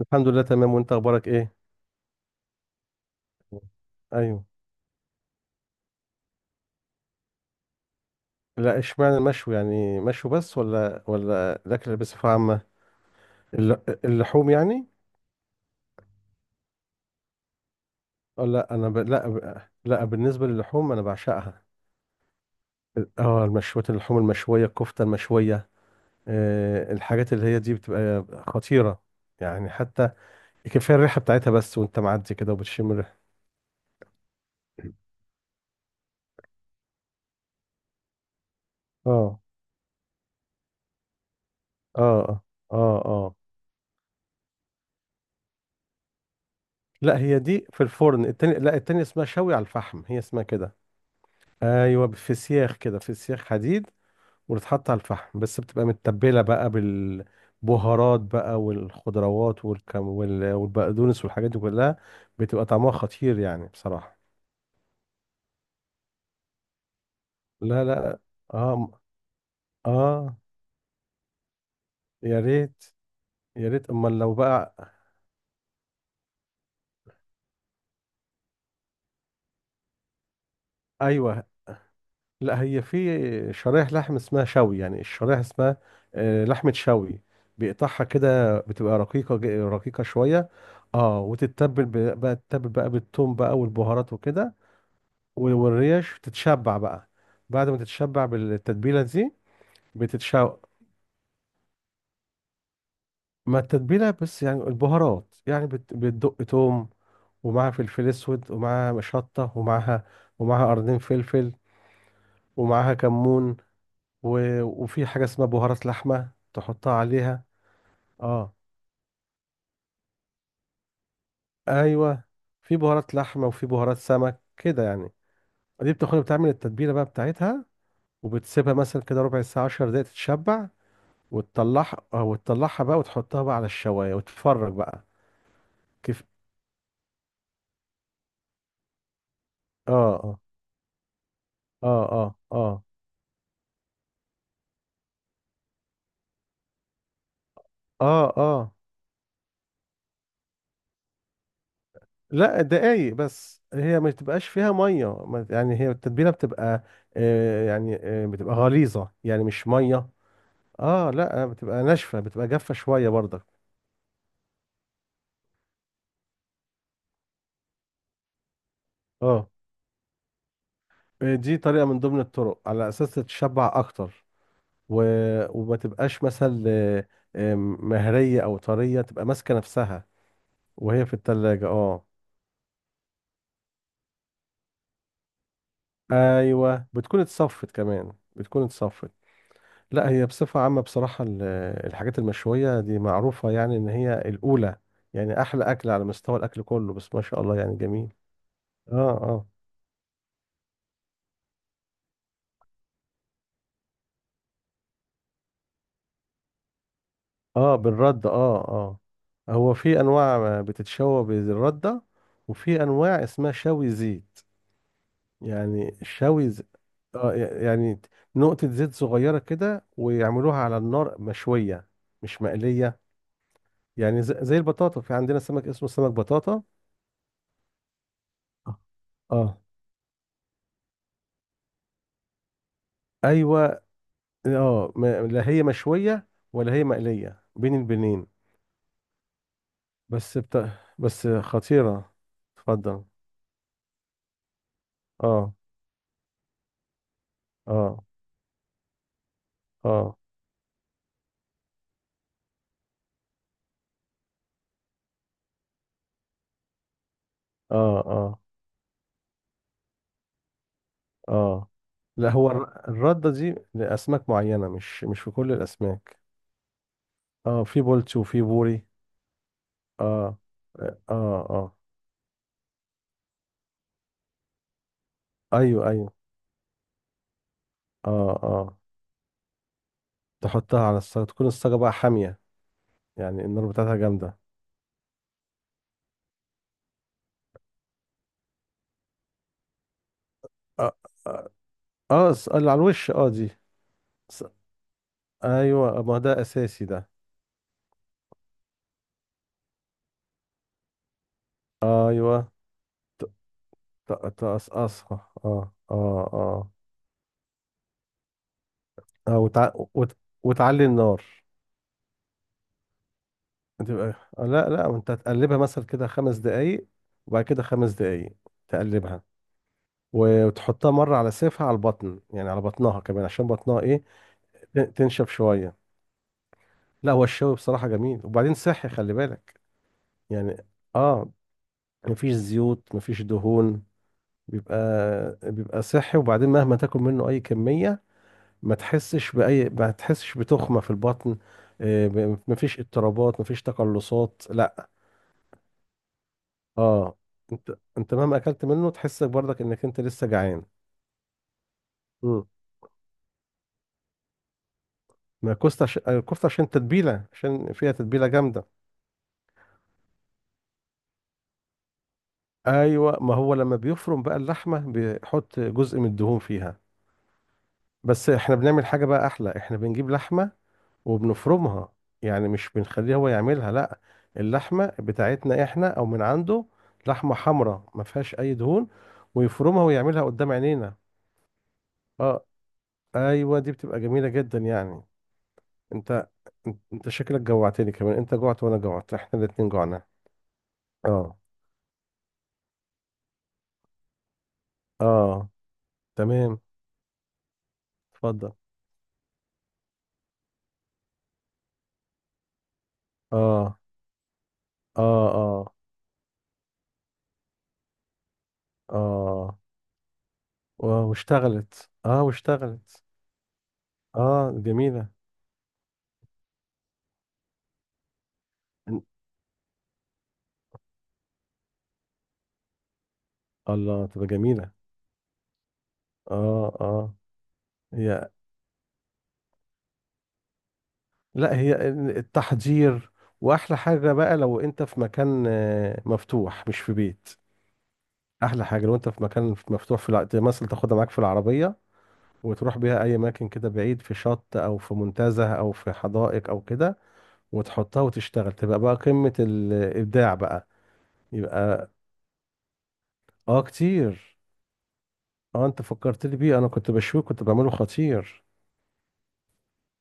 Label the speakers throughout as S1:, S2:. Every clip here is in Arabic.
S1: الحمد لله، تمام. وانت اخبارك ايه؟ ايوه. لا، اشمعنى المشوي؟ يعني مشوي بس ولا الاكل بصفه عامه؟ اللحوم يعني. اه، لا، انا لا بالنسبه للحوم انا بعشقها. اه، المشويات، اللحوم المشويه، الكفته المشويه. الحاجات اللي هي دي بتبقى خطيره، يعني حتى كفايه الريحه بتاعتها، بس وانت معدي كده وبتشم الريحه. اه. اه. اه. اه. اه. لا، هي دي في الفرن. التاني، لا، التاني اسمها شوي على الفحم، هي اسمها كده. ايوه، في سياخ كده، في سياخ حديد، وتتحط على الفحم، بس بتبقى متبله بقى بالبهارات بقى، والخضروات، والكم، والبقدونس، والحاجات دي كلها. بتبقى طعمها خطير، يعني بصراحه. لا، لا. اه. اه. يا ريت، يا ريت امال لو بقى. ايوه. لا، هي في شرايح لحم اسمها شوي، يعني الشرايح اسمها لحمة شوي. بيقطعها كده، بتبقى رقيقة، رقيقة شوية. اه، وتتبل بقى، تتبل بقى بالثوم بقى والبهارات وكده. والريش تتشبع بقى بعد ما تتشبع بالتتبيلة دي. بتتشوح. ما التتبيلة بس يعني البهارات، يعني بتدق توم، ومعاها فلفل اسود، ومعاها شطة، ومعاها، ومعاها قرنين فلفل، ومعاها كمون، وفي حاجة اسمها بهارات لحمة تحطها عليها. اه. ايوه، في بهارات لحمة وفي بهارات سمك كده يعني. دي بتاخدها بتعمل التتبيلة بقى بتاعتها، وبتسيبها مثلا كده ربع ساعة، 10 دقايق تتشبع، وتطلعها بقى، وتحطها بقى على الشواية وتتفرج بقى. كيف؟ اه. اه. اه. اه. اه. اه. اه. لا، دقايق بس. هي ما بتبقاش فيها ميه، يعني هي التتبيله بتبقى يعني، بتبقى غليظه، يعني مش ميه. اه، لا، بتبقى ناشفة، بتبقى جافة شوية برضك. اه، دي طريقة من ضمن الطرق على اساس تتشبع اكتر و... وما تبقاش مثلا مهرية او طرية، تبقى ماسكة نفسها وهي في التلاجة. اه، ايوه، بتكون اتصفت كمان، بتكون اتصفت. لا، هي بصفة عامة بصراحة الحاجات المشوية دي معروفة، يعني ان هي الاولى، يعني احلى اكل على مستوى الاكل كله، بس ما شاء الله يعني جميل. اه. اه. اه، بالرده. اه. اه، هو في انواع بتتشوى بالرده، وفي انواع اسمها شوي زيت، يعني شوي اه، يعني نقطه زيت صغيره كده، ويعملوها على النار مشويه، مش مقليه. يعني زي البطاطا، في عندنا سمك اسمه سمك بطاطا. اه. آه. ايوه. اه، لا هي مشويه ولا هي مقليه، بين البنين. بس بت... بس خطيره. اتفضل. اه. اه. اه. اه. اه. اه. لا، هو الردة دي لأسماك معينة، مش في كل الأسماك. اه، في بولتي وفي بوري. اه. اه. اه. ايوه. ايوه. اه. اه. تحطها على الصاج، تكون الصاجة بقى حامية، يعني النار بتاعتها جامدة. اه. اه. اللي على الوش اه دي. ص- ايوه، ما ده اساسي ده. ايوه. ت- ت- تقصقصها. اه اه. اه. اه. وتعلي النار. هتبقى، لا، لا، وانت هتقلبها مثلا كده 5 دقايق، وبعد كده 5 دقايق تقلبها، وتحطها مرة على سيفها على البطن، يعني على بطنها كمان، عشان بطنها ايه، تنشف شوية. لا، هو الشوي بصراحة جميل، وبعدين صحي خلي بالك يعني. اه، مفيش زيوت، مفيش دهون. بيبقى بيبقى صحي، وبعدين مهما تاكل منه اي كمية، ما تحسش بتخمة في البطن. مفيش اضطرابات، مفيش تقلصات، لا. اه، انت مهما اكلت منه تحس برضك انك انت لسه جعان. امم ما الكفته الكفته عشان تتبيله، عشان فيها تتبيله جامده. ايوه، ما هو لما بيفرم بقى اللحمه بيحط جزء من الدهون فيها. بس احنا بنعمل حاجه بقى احلى، احنا بنجيب لحمه وبنفرمها، يعني مش بنخليه هو يعملها، لا. اللحمه بتاعتنا احنا او من عنده، لحمه حمراء ما فيهاش اي دهون، ويفرمها ويعملها قدام عينينا. اه، ايوه، دي بتبقى جميله جدا يعني. انت انت شكلك جوعتني كمان. انت جوعت وانا جوعت، احنا الاتنين جوعنا. اه. اه. تمام. اتفضل. اه. اه. اه. اه. واشتغلت. اه، جميلة. ان- الله تبقى جميلة. اه. اه. هي لا، هي التحضير. واحلى حاجة بقى لو انت في مكان مفتوح، مش في بيت. احلى حاجة لو انت في مكان مفتوح، في مثلا تاخدها معاك في العربية، وتروح بيها اي اماكن كده بعيد، في شط او في منتزه او في حدائق او كده، وتحطها وتشتغل، تبقى بقى قمة الابداع بقى. يبقى اه، كتير. اه، انت فكرت لي بيه، انا كنت بشويه، كنت بعمله خطير.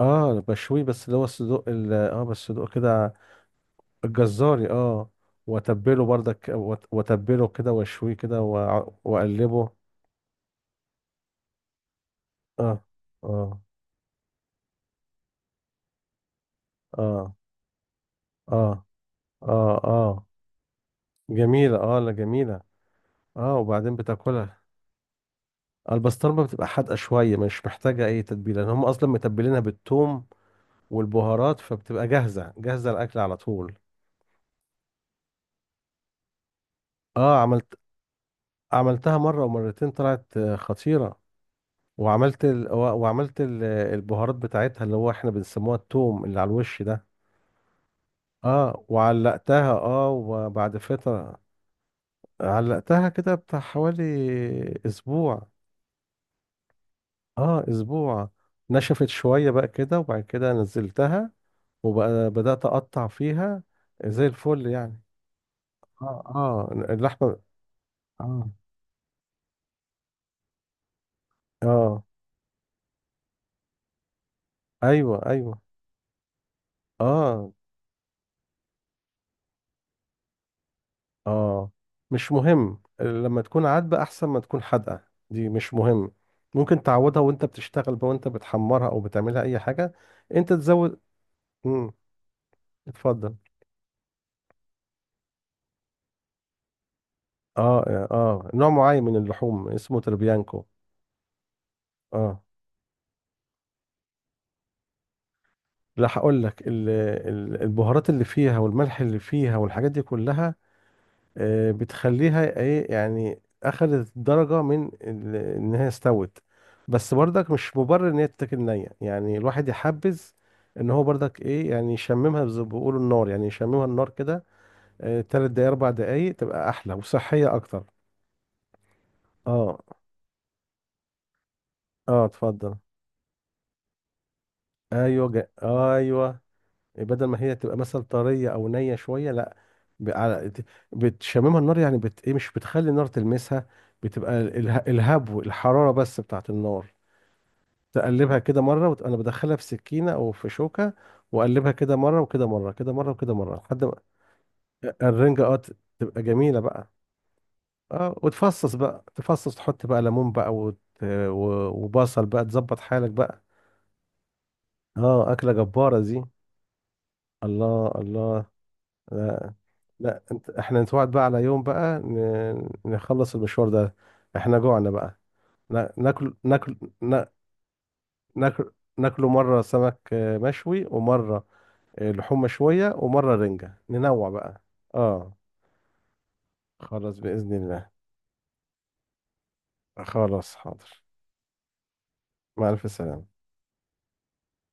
S1: اه، بشويه، بس اللي هو الصدوق بس الصدوق كده. الجزاري. اه، واتبله برضك، واتبله كده، واشويه كده، واقلبه. اه. اه. اه. اه. اه. اه، جميلة. اه، لا، جميلة. اه، وبعدين بتاكلها. البسطرمة بتبقى حادقة شوية، مش محتاجة أي تتبيلة، لأن هم أصلا متبلينها بالثوم والبهارات، فبتبقى جاهزة، جاهزة الأكل على طول. اه، عملتها مرة ومرتين، طلعت خطيرة. وعملت ال... و- وعملت البهارات بتاعتها، اللي هو احنا بنسموها الثوم اللي على الوش ده. اه، وعلقتها. اه، وبعد فترة، علقتها كده بتاع حوالي أسبوع. اه، أسبوع. نشفت شوية بقى كده، وبعد كده نزلتها وبدأت أقطع فيها، زي الفل يعني. اه. اه. اللحمة. اه. اه. ايوه. ايوه. اه. اه. مش مهم، لما تكون عادبة احسن ما تكون حادقة. دي مش مهم. ممكن تعوضها وانت بتشتغل بقى، وانت بتحمرها او بتعملها اي حاجة. انت تزود. امم اتفضل. اه. اه، نوع معين من اللحوم اسمه تربيانكو. اه، لا، هقول لك البهارات اللي فيها والملح اللي فيها والحاجات دي كلها، بتخليها ايه، يعني اخدت درجة من ان هي استوت. بس برضك مش مبرر ان هي تتاكل نية، يعني الواحد يحبذ ان هو برضك ايه، يعني يشممها زي ما بيقولوا النار، يعني يشممها النار كده. 3 دقايق، 4 دقايق، تبقى احلى وصحية اكتر. اه. اه. اتفضل. ايوه، ايوه. بدل ما هي تبقى مثلا طريه او نيه شويه، لا. ب- على- بتشممها النار، يعني ايه، مش بتخلي النار تلمسها. بتبقى الهبو، الحراره بس بتاعت النار. تقلبها كده مرة أنا بدخلها في سكينة أو في شوكة، وأقلبها كده مرة وكده مرة، كده مرة وكده مرة، لحد ما الرنجة أه، تبقى جميلة بقى. أه، وتفصص بقى، تفصص، تحط بقى ليمون بقى، وبصل بقى، تظبط حالك بقى. أه، أكلة جبارة دي. الله، الله. لا، لا، إحنا نتوعد بقى على يوم بقى، نخلص المشوار ده. إحنا جوعنا بقى. نا- ناكل ناكل نا- ناكل. ناكله مرة سمك مشوي، ومرة لحوم شوية، ومرة رنجة، ننوع بقى. اه، خلاص، بإذن الله. خلاص، حاضر. مع ألف سلامة.